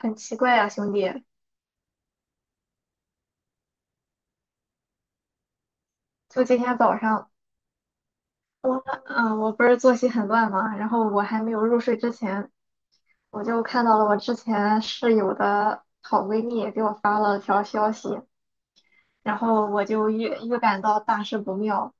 很奇怪啊，兄弟！就今天早上，我我不是作息很乱嘛，然后我还没有入睡之前，我就看到了我之前室友的好闺蜜给我发了条消息，然后我就预感到大事不妙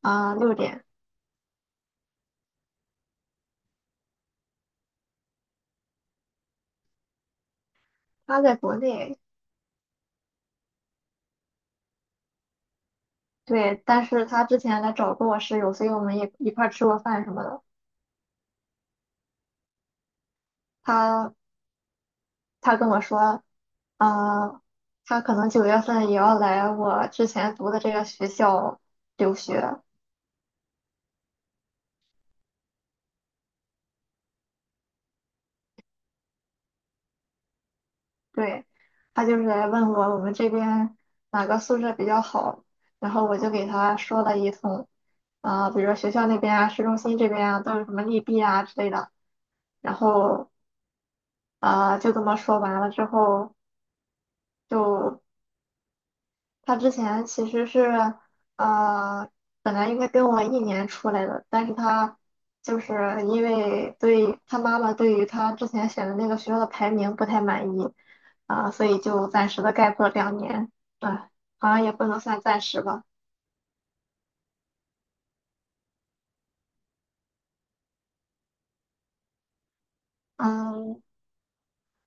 啊，六点。她在国内，对，但是她之前来找过我室友，所以我们也一块儿吃过饭什么的。她她跟我说，啊，她可能9月份也要来我之前读的这个学校留学。对，他就是来问我我们这边哪个宿舍比较好，然后我就给他说了一通，比如说学校那边啊、市中心这边啊，都有什么利弊啊之类的，然后就这么说完了之后，就他之前其实是呃，本来应该跟我一年出来的，但是他就是因为对他妈妈对于他之前选的那个学校的排名不太满意，所以就暂时的 gap 了2年，啊、好像也不能算暂时吧。嗯，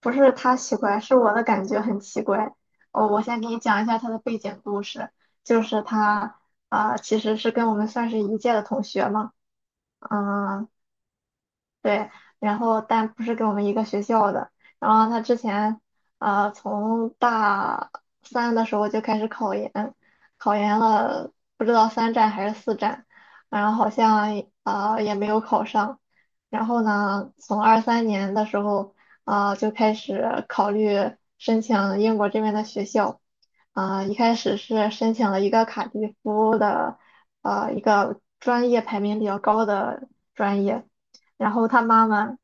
不是他奇怪，是我的感觉很奇怪。哦，我先给你讲一下他的背景故事，就是其实是跟我们算是一届的同学嘛。嗯、对，然后但不是跟我们一个学校的。然后他之前，从大三的时候就开始考研，考研了不知道三战还是四战，然后好像也没有考上。然后呢，从23年的时候，就开始考虑申请英国这边的学校。一开始是申请了一个卡迪夫的，一个专业排名比较高的专业。然后他妈妈，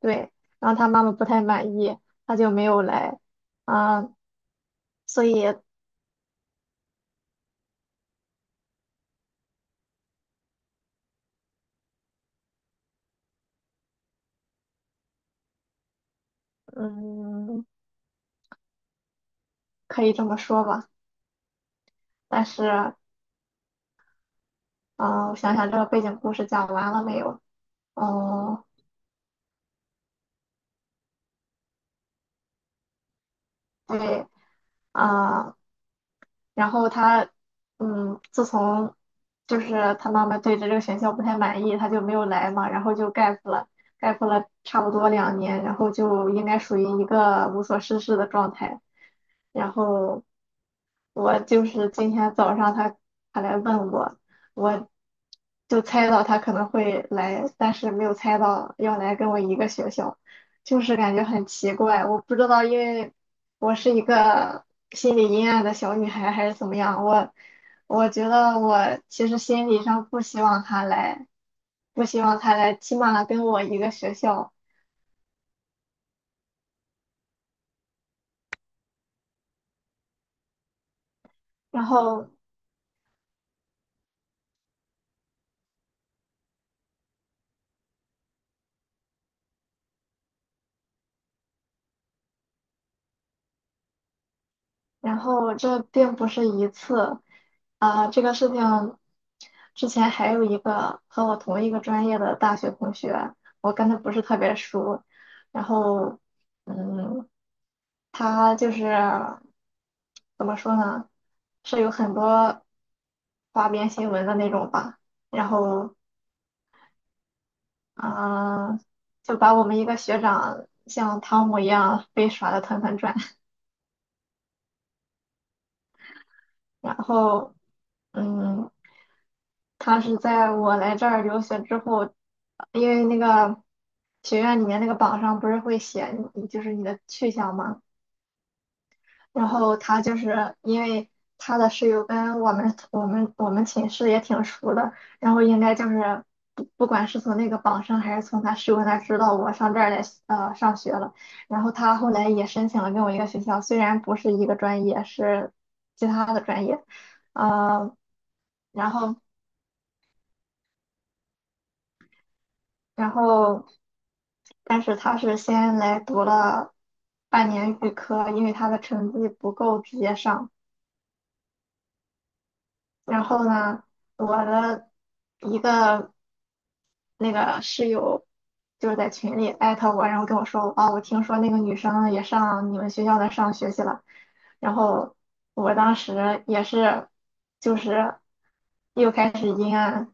对，然后他妈妈不太满意，他就没有来，啊、所以，嗯，可以这么说吧。但是，我想想这个背景故事讲完了没有？哦，对，啊、然后他，自从就是他妈妈对着这个学校不太满意，他就没有来嘛，然后就 gap 了差不多两年，然后就应该属于一个无所事事的状态。然后我就是今天早上他来问我，我就猜到他可能会来，但是没有猜到要来跟我一个学校，就是感觉很奇怪，我不知道，因为我是一个心理阴暗的小女孩还是怎么样，我觉得我其实心理上不希望他来，不希望他来，起码跟我一个学校。然后。然后这并不是一次，这个事情之前还有一个和我同一个专业的大学同学，我跟他不是特别熟，然后，嗯，他就是怎么说呢，是有很多花边新闻的那种吧，然后，嗯、就把我们一个学长像汤姆一样被耍的团团转。然后。嗯，他是在我来这儿留学之后，因为那个学院里面那个榜上不是会写你就是你的去向嘛，然后他就是因为他的室友跟我们寝室也挺熟的，然后应该就是不管是从那个榜上还是从他室友那儿知道我上这儿来上学了，然后他后来也申请了跟我一个学校，虽然不是一个专业，是其他的专业。呃。然后然后，但是他是先来读了半年预科，因为他的成绩不够直接上。然后呢，我的一个那个室友就是在群里艾特我，然后跟我说，哦，我听说那个女生也上你们学校的上学去了。然后我当时也是，就是又开始阴暗，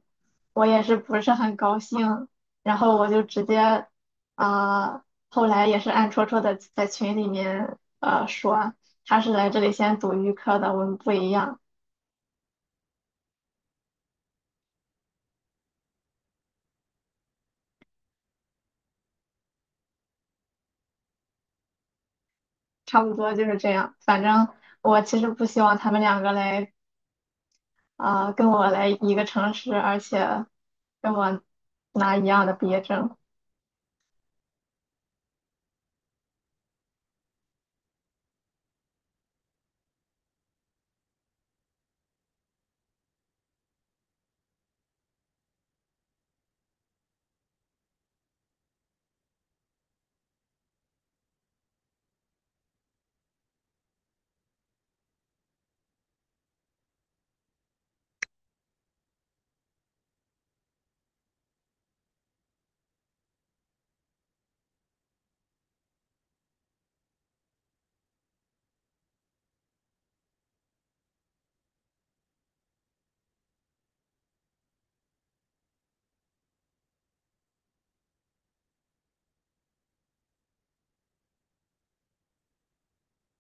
我也是不是很高兴。然后我就直接，啊，后来也是暗戳戳的在群里面，说他是来这里先读预科的，我们不一样，差不多就是这样。反正我其实不希望他们两个来。跟我来一个城市，而且跟我拿一样的毕业证。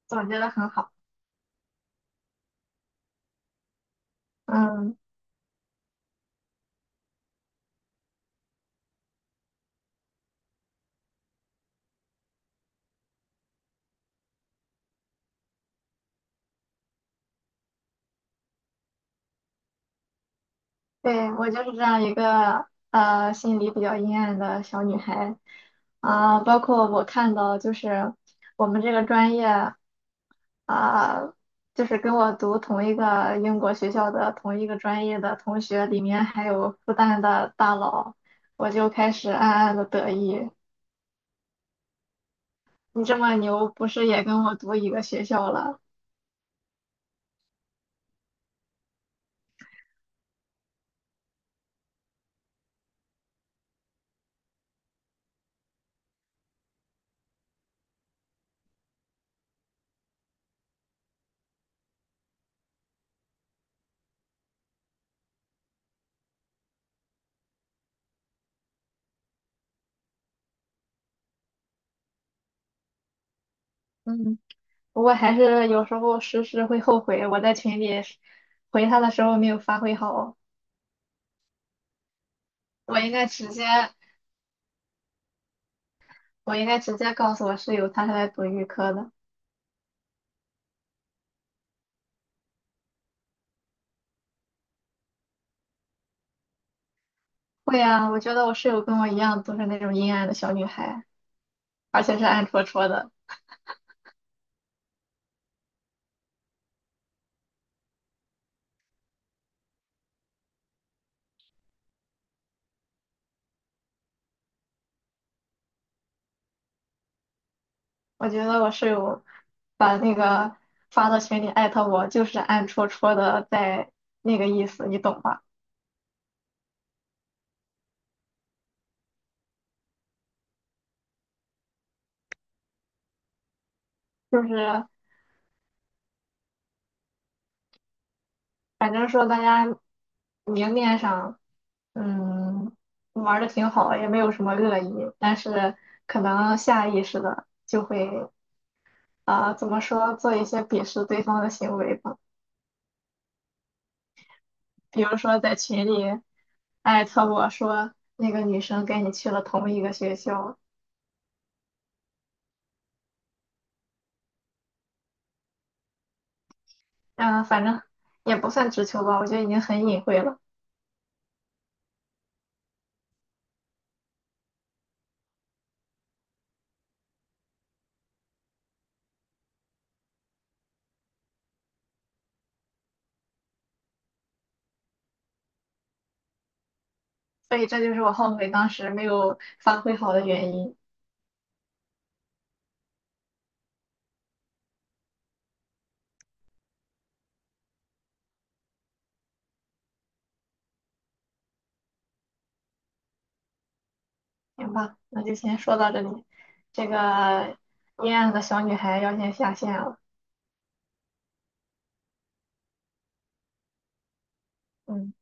总结的很好。嗯，对，我就是这样一个心里比较阴暗的小女孩，包括我看到就是我们这个专业啊、就是跟我读同一个英国学校的同一个专业的同学，里面还有复旦的大佬，我就开始暗暗的得意，你这么牛，不是也跟我读一个学校了？嗯。不过还是有时候时时会后悔，我在群里回他的时候没有发挥好，我应该直接我应该直接告诉我室友她是来读预科的。会啊，我觉得我室友跟我一样都是那种阴暗的小女孩，而且是暗戳戳的。我觉得我室友把那个发到群里艾特我，就是暗戳戳的在那个意思，你懂吧？就是反正说大家明面上。嗯，玩的挺好，也没有什么恶意，但是可能下意识的就会，怎么说，做一些鄙视对方的行为吧。比如说在群里艾特我说那个女生跟你去了同一个学校，嗯、反正也不算直球吧，我觉得已经很隐晦了，所以这就是我后悔当时没有发挥好的原因。行吧，那就先说到这里，这个阴暗的小女孩要先下线了。嗯。